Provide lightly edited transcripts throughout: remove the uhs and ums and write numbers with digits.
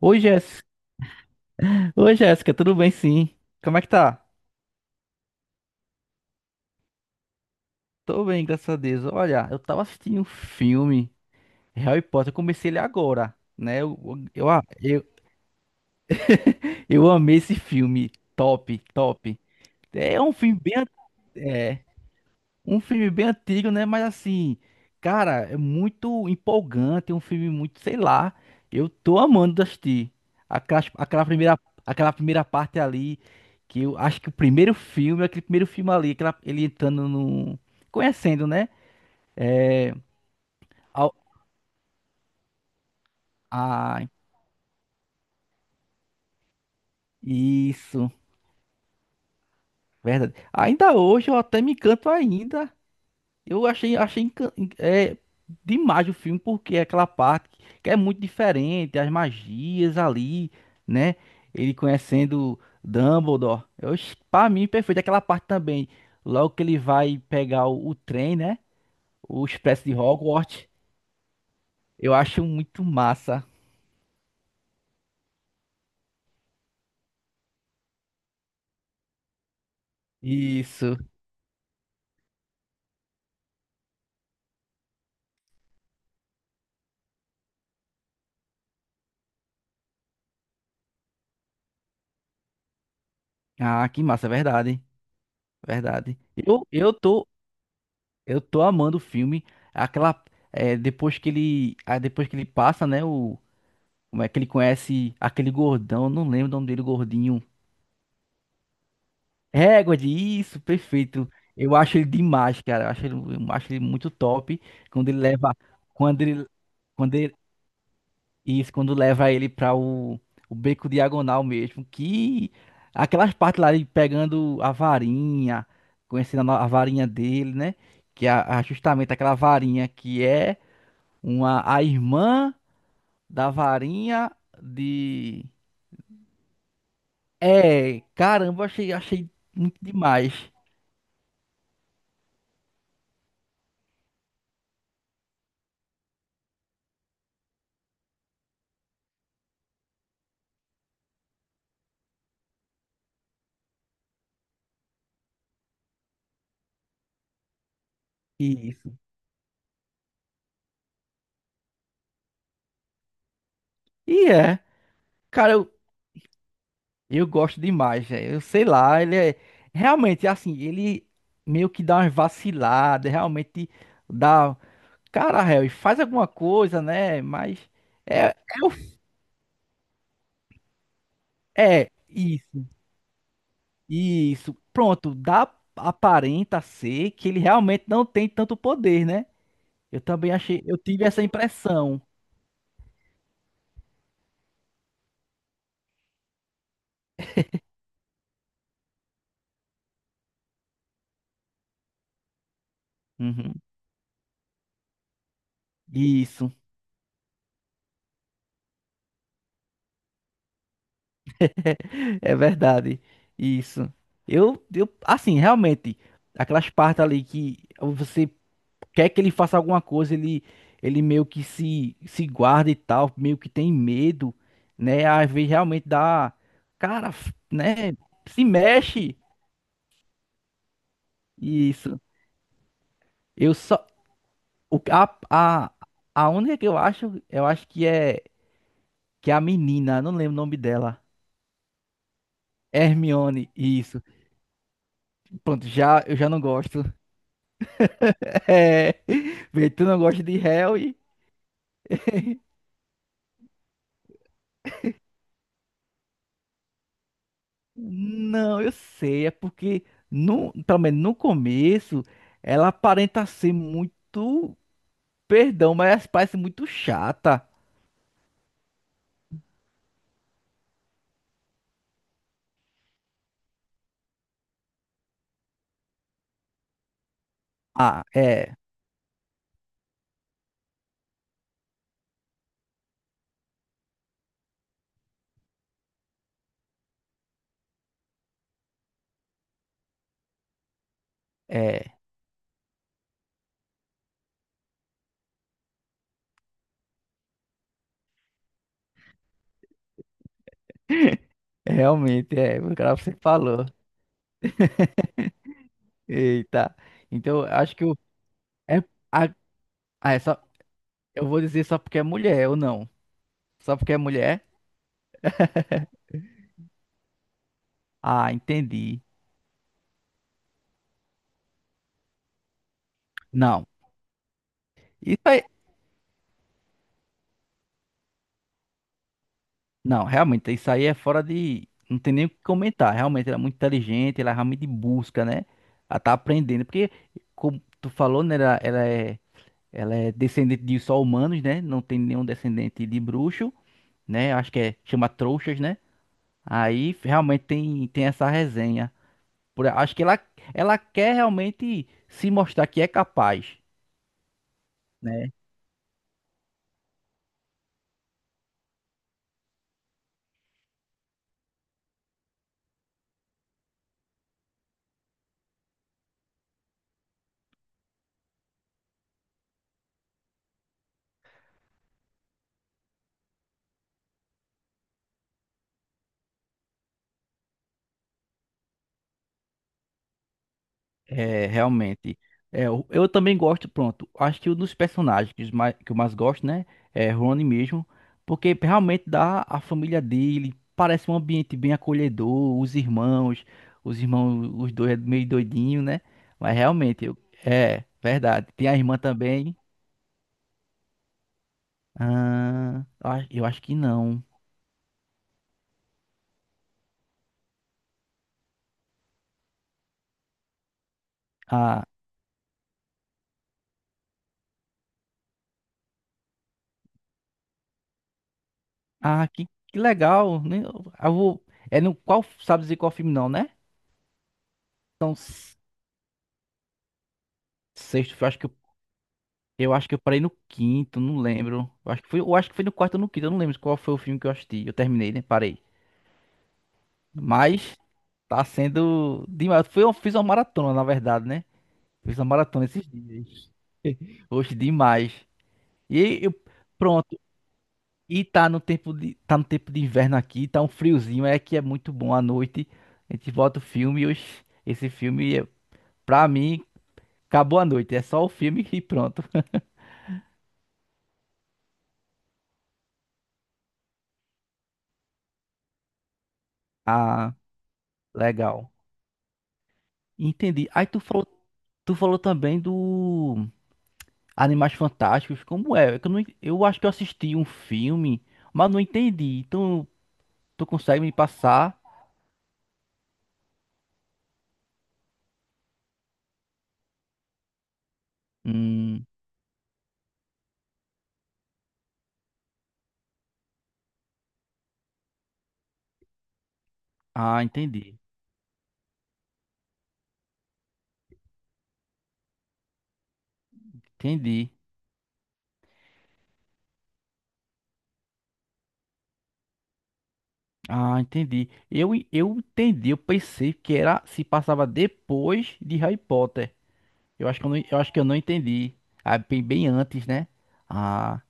Oi, Jéssica. Oi, Jéssica, tudo bem sim? Como é que tá? Tô bem, graças a Deus. Olha, eu tava assistindo um filme, Harry Potter, eu comecei ele agora, né? Eu, eu, eu, eu amei esse filme, top, top. É um filme bem, é, Um filme bem antigo, né? Mas assim, cara, é muito empolgante, é um filme muito, sei lá, eu tô amando assistir. Aquela, aquela primeira, aquela primeira parte ali, que eu acho que o primeiro filme, aquele primeiro filme ali, ele entrando no... Conhecendo, né? Ao- Ah, isso, verdade. Ainda hoje eu até me encanto ainda. Eu Achei demais o filme, porque é aquela parte que é muito diferente, as magias ali, né? Ele conhecendo Dumbledore. Pra mim, perfeito. Aquela parte também, logo que ele vai pegar o trem, né? O Expresso de Hogwarts. Eu acho muito massa. Isso. Ah, que massa, verdade. Verdade. Eu tô amando o filme. Aquela, depois que ele passa, né? Como é que ele conhece aquele gordão? Eu não lembro o nome dele, gordinho. Égua de isso, perfeito. Eu acho ele demais, cara. Eu acho ele muito top. Quando ele leva. Quando ele. Quando ele. Isso, quando leva ele pra o Beco Diagonal mesmo. Que. Aquelas partes lá de pegando a varinha. Conhecendo a, no- a varinha dele, né? Que é justamente aquela varinha que é a irmã da varinha de. É, caramba, achei muito demais isso. E cara, eu gosto demais, velho. Eu sei lá, ele é realmente assim, ele meio que dá umas vaciladas, realmente dá, cara, Harry, faz alguma coisa, né? Mas é, é, o- é isso, isso. Pronto, dá aparenta ser que ele realmente não tem tanto poder, né? Eu também achei, eu tive essa impressão. Uhum, isso. É verdade. Isso. Assim, realmente, aquelas partes ali que você quer que ele faça alguma coisa, ele meio que se guarda e tal, meio que tem medo, né? Às vezes realmente dá, cara, né? Se mexe. Isso. Eu só, o, a, a única que eu acho que é a menina, eu não lembro o nome dela. Hermione, isso. Pronto, eu já não gosto. É, vê, tu não gosta de Harry? Não, eu sei, é porque pelo menos no começo ela aparenta ser muito, perdão, mas ela parece muito chata. Ah, é, realmente é, o cara você falou. Eita. Então, acho que eu é a, ah, é só eu vou dizer só porque é mulher ou não? Só porque é mulher? Ah, entendi. Não. Isso aí. Não, realmente, isso aí é fora de. Não tem nem o que comentar. Realmente, ela é muito inteligente, ela realmente busca, né? Ela tá aprendendo. Porque, como tu falou, né? Ela é descendente de só humanos, né? Não tem nenhum descendente de bruxo, né? Acho que é, chama trouxas, né? Aí realmente tem essa resenha. Acho que ela quer realmente se mostrar que é capaz, né? É, realmente. É, eu também gosto, pronto. Acho que um dos personagens que eu mais gosto, né? É Rony mesmo. Porque realmente dá a família dele. Parece um ambiente bem acolhedor. Os irmãos. Os irmãos, os dois é meio doidinho, né? Mas realmente, é verdade. Tem a irmã também. Ah, eu acho que não. Ah, ah, que legal, né? Eu vou, é no qual, sabe dizer qual filme não, né? Então, sexto, eu acho que eu parei no quinto, não lembro. Eu acho que foi no quarto ou no quinto, eu não lembro qual foi o filme que eu assisti. Eu terminei, né? Parei. Mas tá sendo demais. Eu fiz uma maratona, na verdade, né? Fiz uma maratona esses dias. Hoje demais. E eu, pronto. E tá no tempo de inverno aqui, tá um friozinho, é que é muito bom à noite. A gente bota o filme e hoje, esse filme, pra mim, acabou a noite. É só o filme e pronto. Ah, legal. Entendi. Aí tu falou também do Animais Fantásticos. Como é? É que Eu, não en- eu acho que eu assisti um filme, mas não entendi. Então, tu consegue me passar? Hum, ah, entendi. Entendi. Ah, entendi. Eu entendi. Eu pensei que era se passava depois de Harry Potter. Eu acho que eu não, eu acho que eu não entendi. Ah, bem, bem antes, né? Ah,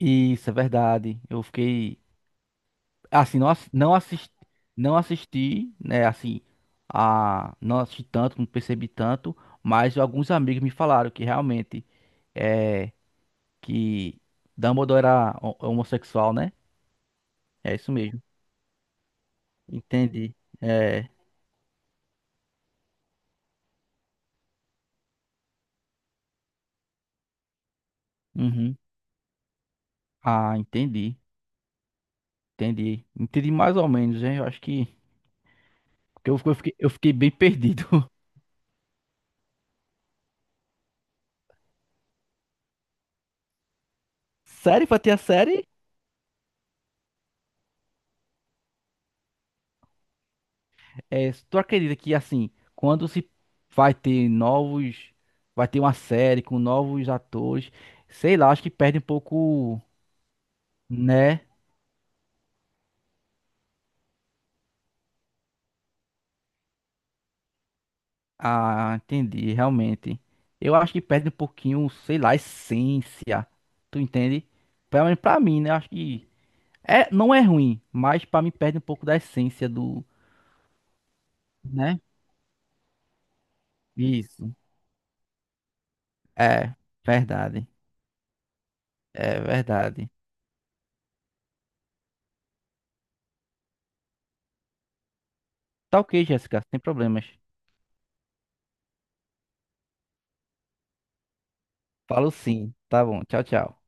isso é verdade. Eu fiquei. Assim, não assisti, né, assim, não assisti tanto, não percebi tanto, mas alguns amigos me falaram que realmente é que Dumbledore era homossexual, né? É isso mesmo. Entendi. É, uhum. Ah, entendi. Entendi. Entendi mais ou menos, hein? Eu acho que porque eu fiquei bem perdido. Sério, pra ter a série? É, tu acredita que assim, quando se vai ter novos, vai ter uma série com novos atores, sei lá, acho que perde um pouco, né? Ah, entendi, realmente. Eu acho que perde um pouquinho, sei lá, a essência. Tu entende? Pelo menos pra mim, né? Acho que não é ruim, mas pra mim perde um pouco da essência do, né? Isso. É, verdade. É verdade. Tá ok, Jéssica, sem problemas. Falo sim. Tá bom. Tchau, tchau.